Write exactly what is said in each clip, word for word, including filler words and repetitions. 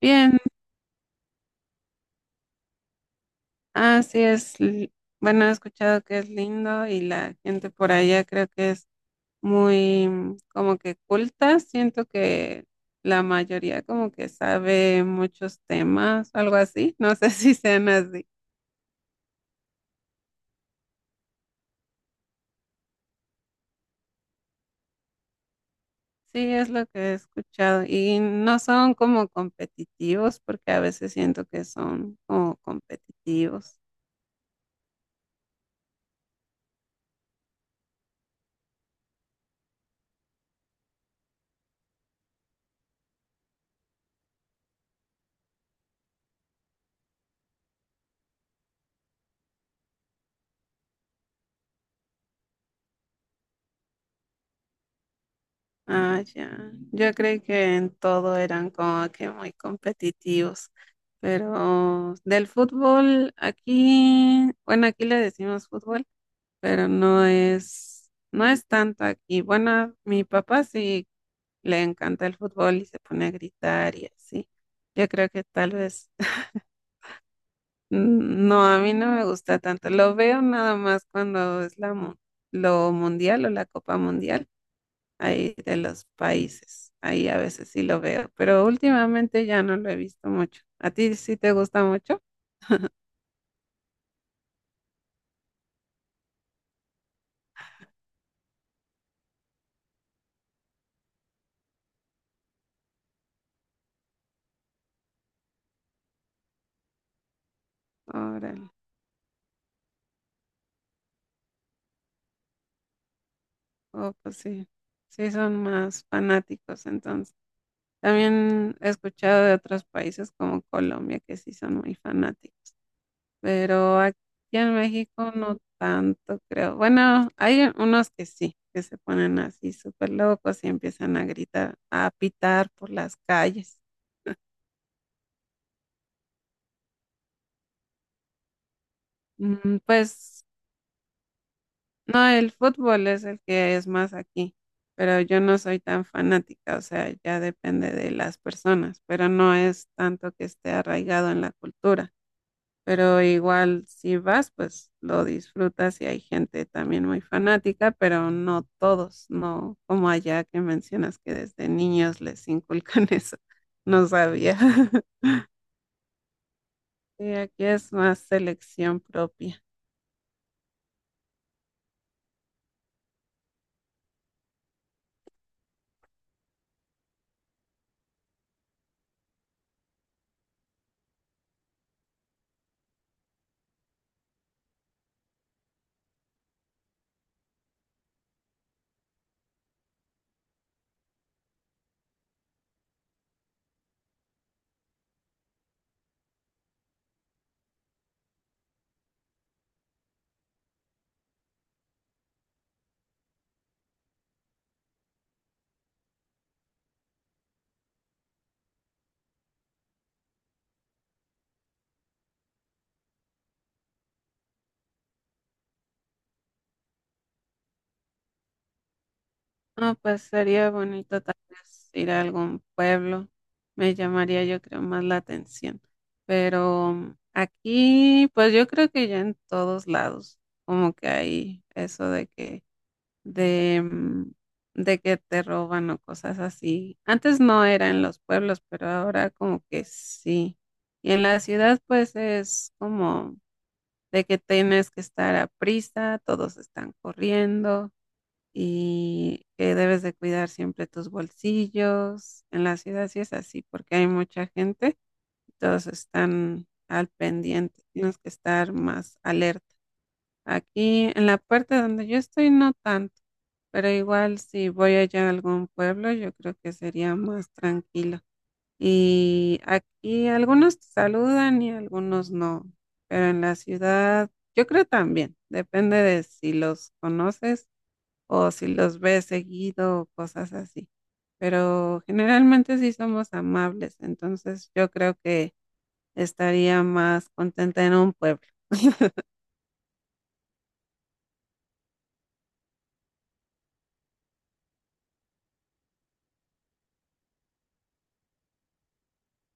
Bien, así es. li- Bueno, he escuchado que es lindo y la gente por allá creo que es muy mm, como que culta. Siento que la mayoría como que sabe muchos temas, algo así. No sé si sean así. Sí, es lo que he escuchado. Y no son como competitivos porque a veces siento que son como competitivos. Ah, ya. Yo creí que en todo eran como que muy competitivos. Pero del fútbol, aquí, bueno, aquí le decimos fútbol, pero no es, no es tanto aquí. Bueno, mi papá sí le encanta el fútbol y se pone a gritar y así. Yo creo que tal vez, no, a mí no me gusta tanto. Lo veo nada más cuando es la, mu- lo mundial o la Copa Mundial ahí de los países. Ahí a veces sí lo veo, pero últimamente ya no lo he visto mucho. ¿A ti sí te gusta mucho? Órale. Oh, pues sí. Sí son más fanáticos entonces. También he escuchado de otros países como Colombia que sí son muy fanáticos, pero aquí en México no tanto, creo. Bueno, hay unos que sí, que se ponen así súper locos y empiezan a gritar, a pitar por las calles. Mm, Pues no, el fútbol es el que es más aquí, pero yo no soy tan fanática, o sea, ya depende de las personas, pero no es tanto que esté arraigado en la cultura, pero igual si vas, pues lo disfrutas y hay gente también muy fanática, pero no todos, no como allá que mencionas que desde niños les inculcan eso, no sabía. Sí, aquí es más selección propia. Ah, pues sería bonito tal vez ir a algún pueblo. Me llamaría yo creo más la atención. Pero mm, aquí, pues yo creo que ya en todos lados, como que hay eso de que, de, mm, de que te roban o cosas así. Antes no era en los pueblos, pero ahora como que sí. Y en la ciudad, pues es como de que tienes que estar a prisa, todos están corriendo y que debes de cuidar siempre tus bolsillos. En la ciudad sí es así porque hay mucha gente, todos están al pendiente, tienes que estar más alerta. Aquí en la parte donde yo estoy no tanto, pero igual si voy allá a algún pueblo yo creo que sería más tranquilo. Y aquí algunos te saludan y algunos no, pero en la ciudad yo creo también, depende de si los conoces o si los ves seguido o cosas así. Pero generalmente sí somos amables, entonces yo creo que estaría más contenta en un pueblo.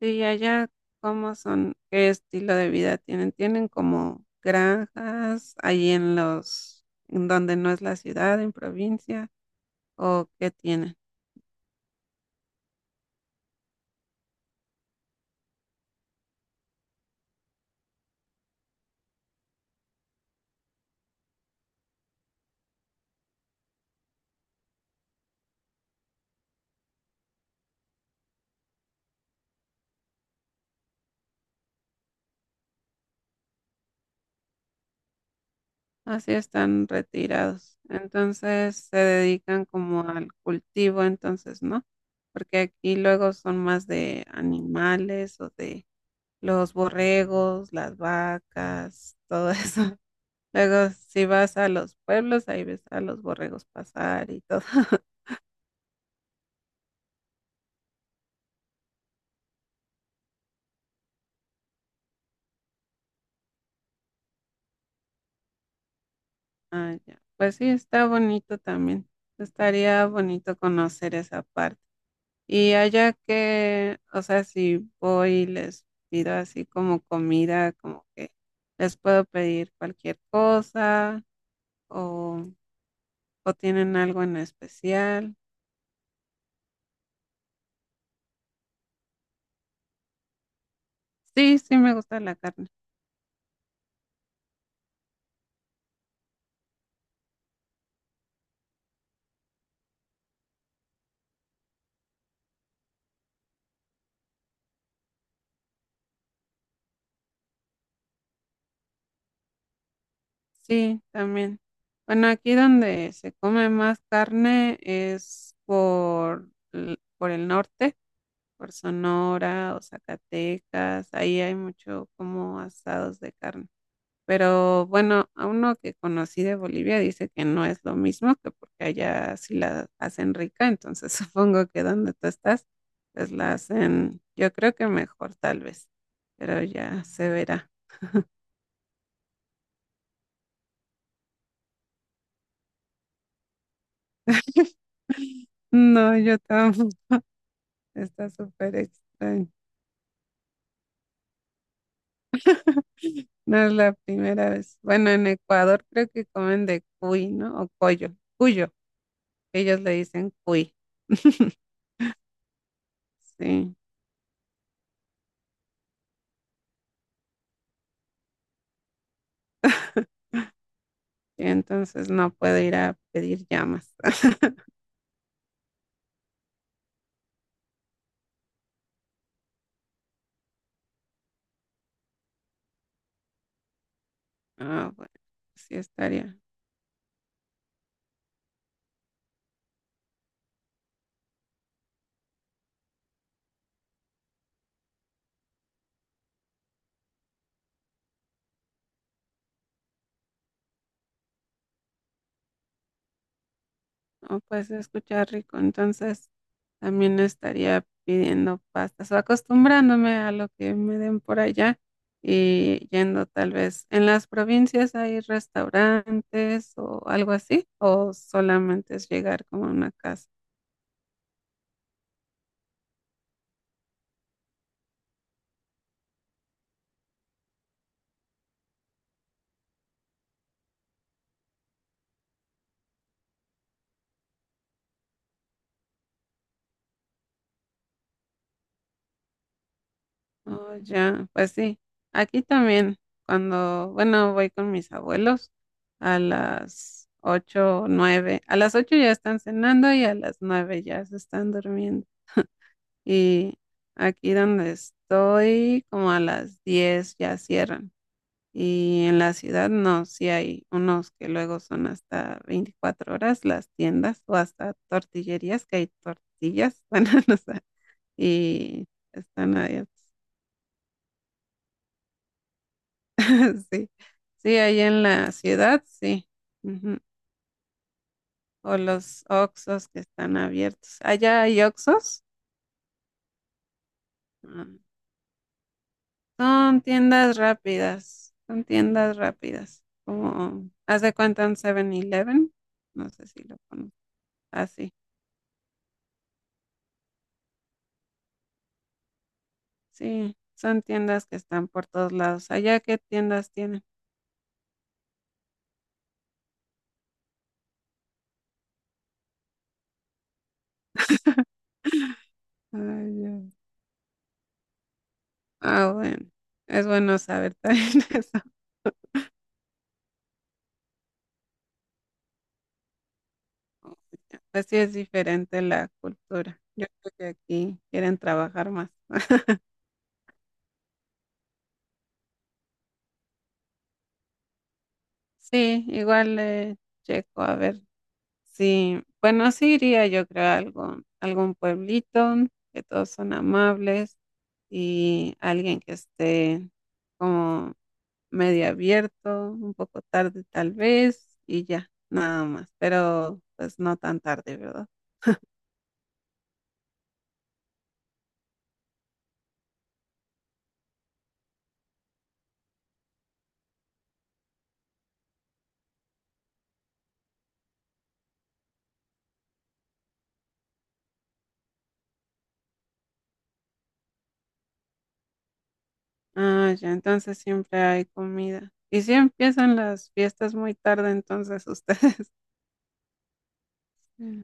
Y allá, ¿cómo son? ¿Qué estilo de vida tienen? ¿Tienen como granjas ahí en los, en donde no es la ciudad, en provincia? ¿O qué tienen? Así están retirados. Entonces se dedican como al cultivo, entonces, ¿no? Porque aquí luego son más de animales o de los borregos, las vacas, todo eso. Luego si vas a los pueblos, ahí ves a los borregos pasar y todo. Ah, ya. Pues sí, está bonito también. Estaría bonito conocer esa parte. Y allá que, o sea, si voy y les pido así como comida, como que les puedo pedir cualquier cosa o, o tienen algo en especial. Sí, sí me gusta la carne. Sí, también. Bueno, aquí donde se come más carne es por, l- por el norte, por Sonora o Zacatecas. Ahí hay mucho como asados de carne. Pero bueno, a uno que conocí de Bolivia dice que no es lo mismo, que porque allá sí la hacen rica, entonces supongo que donde tú estás, pues la hacen, yo creo que mejor tal vez, pero ya se verá. No, yo tampoco, está súper extraño. No es la primera vez. Bueno, en Ecuador creo que comen de cuy, ¿no? O collo, cuyo, ellos le dicen cuy. Sí, y entonces no puedo ir a pedir llamas. Ah, bueno, sí estaría. O pues escuchar rico, entonces también estaría pidiendo pastas o acostumbrándome a lo que me den por allá y yendo tal vez. ¿En las provincias hay restaurantes o algo así? ¿O solamente es llegar como a una casa? Oh, ya, pues sí. Aquí también, cuando, bueno, voy con mis abuelos a las ocho o nueve. A las ocho ya están cenando y a las nueve ya se están durmiendo. Y aquí donde estoy, como a las diez ya cierran. Y en la ciudad no, sí hay unos que luego son hasta veinticuatro horas las tiendas o hasta tortillerías, que hay tortillas, bueno, no sé, y están abiertas. Sí, sí, ahí en la ciudad, sí. Ujú. O los oxos que están abiertos. ¿Allá hay oxos? Mm. Son tiendas rápidas, son tiendas rápidas, como, haz de cuenta en siete-Eleven, no sé si lo conozco, así, sí, sí, son tiendas que están por todos lados, allá qué tiendas tienen. Allá. Ah, bueno, es bueno saber también eso, así es diferente la cultura, yo creo que aquí quieren trabajar más. Sí, igual le checo a ver. Sí, bueno, sí iría yo creo a algún, algún pueblito, que todos son amables y alguien que esté como medio abierto, un poco tarde tal vez y ya, nada más, pero pues no tan tarde, ¿verdad? Ah, ya, entonces siempre hay comida. Y si empiezan las fiestas muy tarde, entonces ustedes. Mm.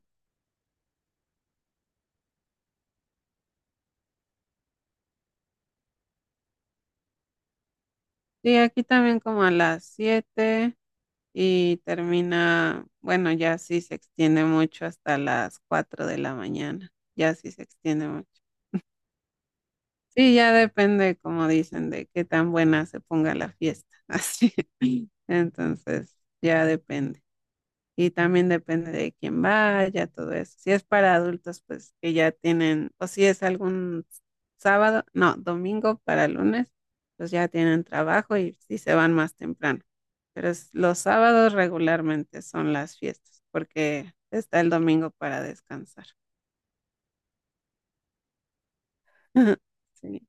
Sí, aquí también como a las siete, y termina, bueno, ya sí se extiende mucho hasta las cuatro de la mañana, ya sí se extiende mucho. Sí, ya depende, como dicen, de qué tan buena se ponga la fiesta, así. Entonces, ya depende y también depende de quién vaya, todo eso. Si es para adultos, pues que ya tienen, o si es algún sábado, no, domingo para lunes, pues ya tienen trabajo y si se van más temprano. Pero es- los sábados regularmente son las fiestas, porque está el domingo para descansar. Sí.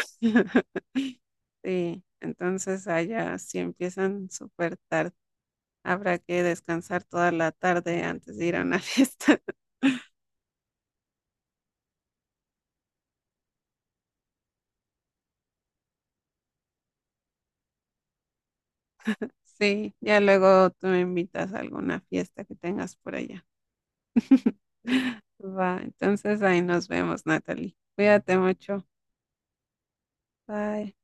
Sí, entonces allá si empiezan súper tarde. Habrá que descansar toda la tarde antes de ir a una fiesta. Sí, ya luego tú me invitas a alguna fiesta que tengas por allá. Va, entonces ahí nos vemos, Natalie. Cuídate mucho. Bye.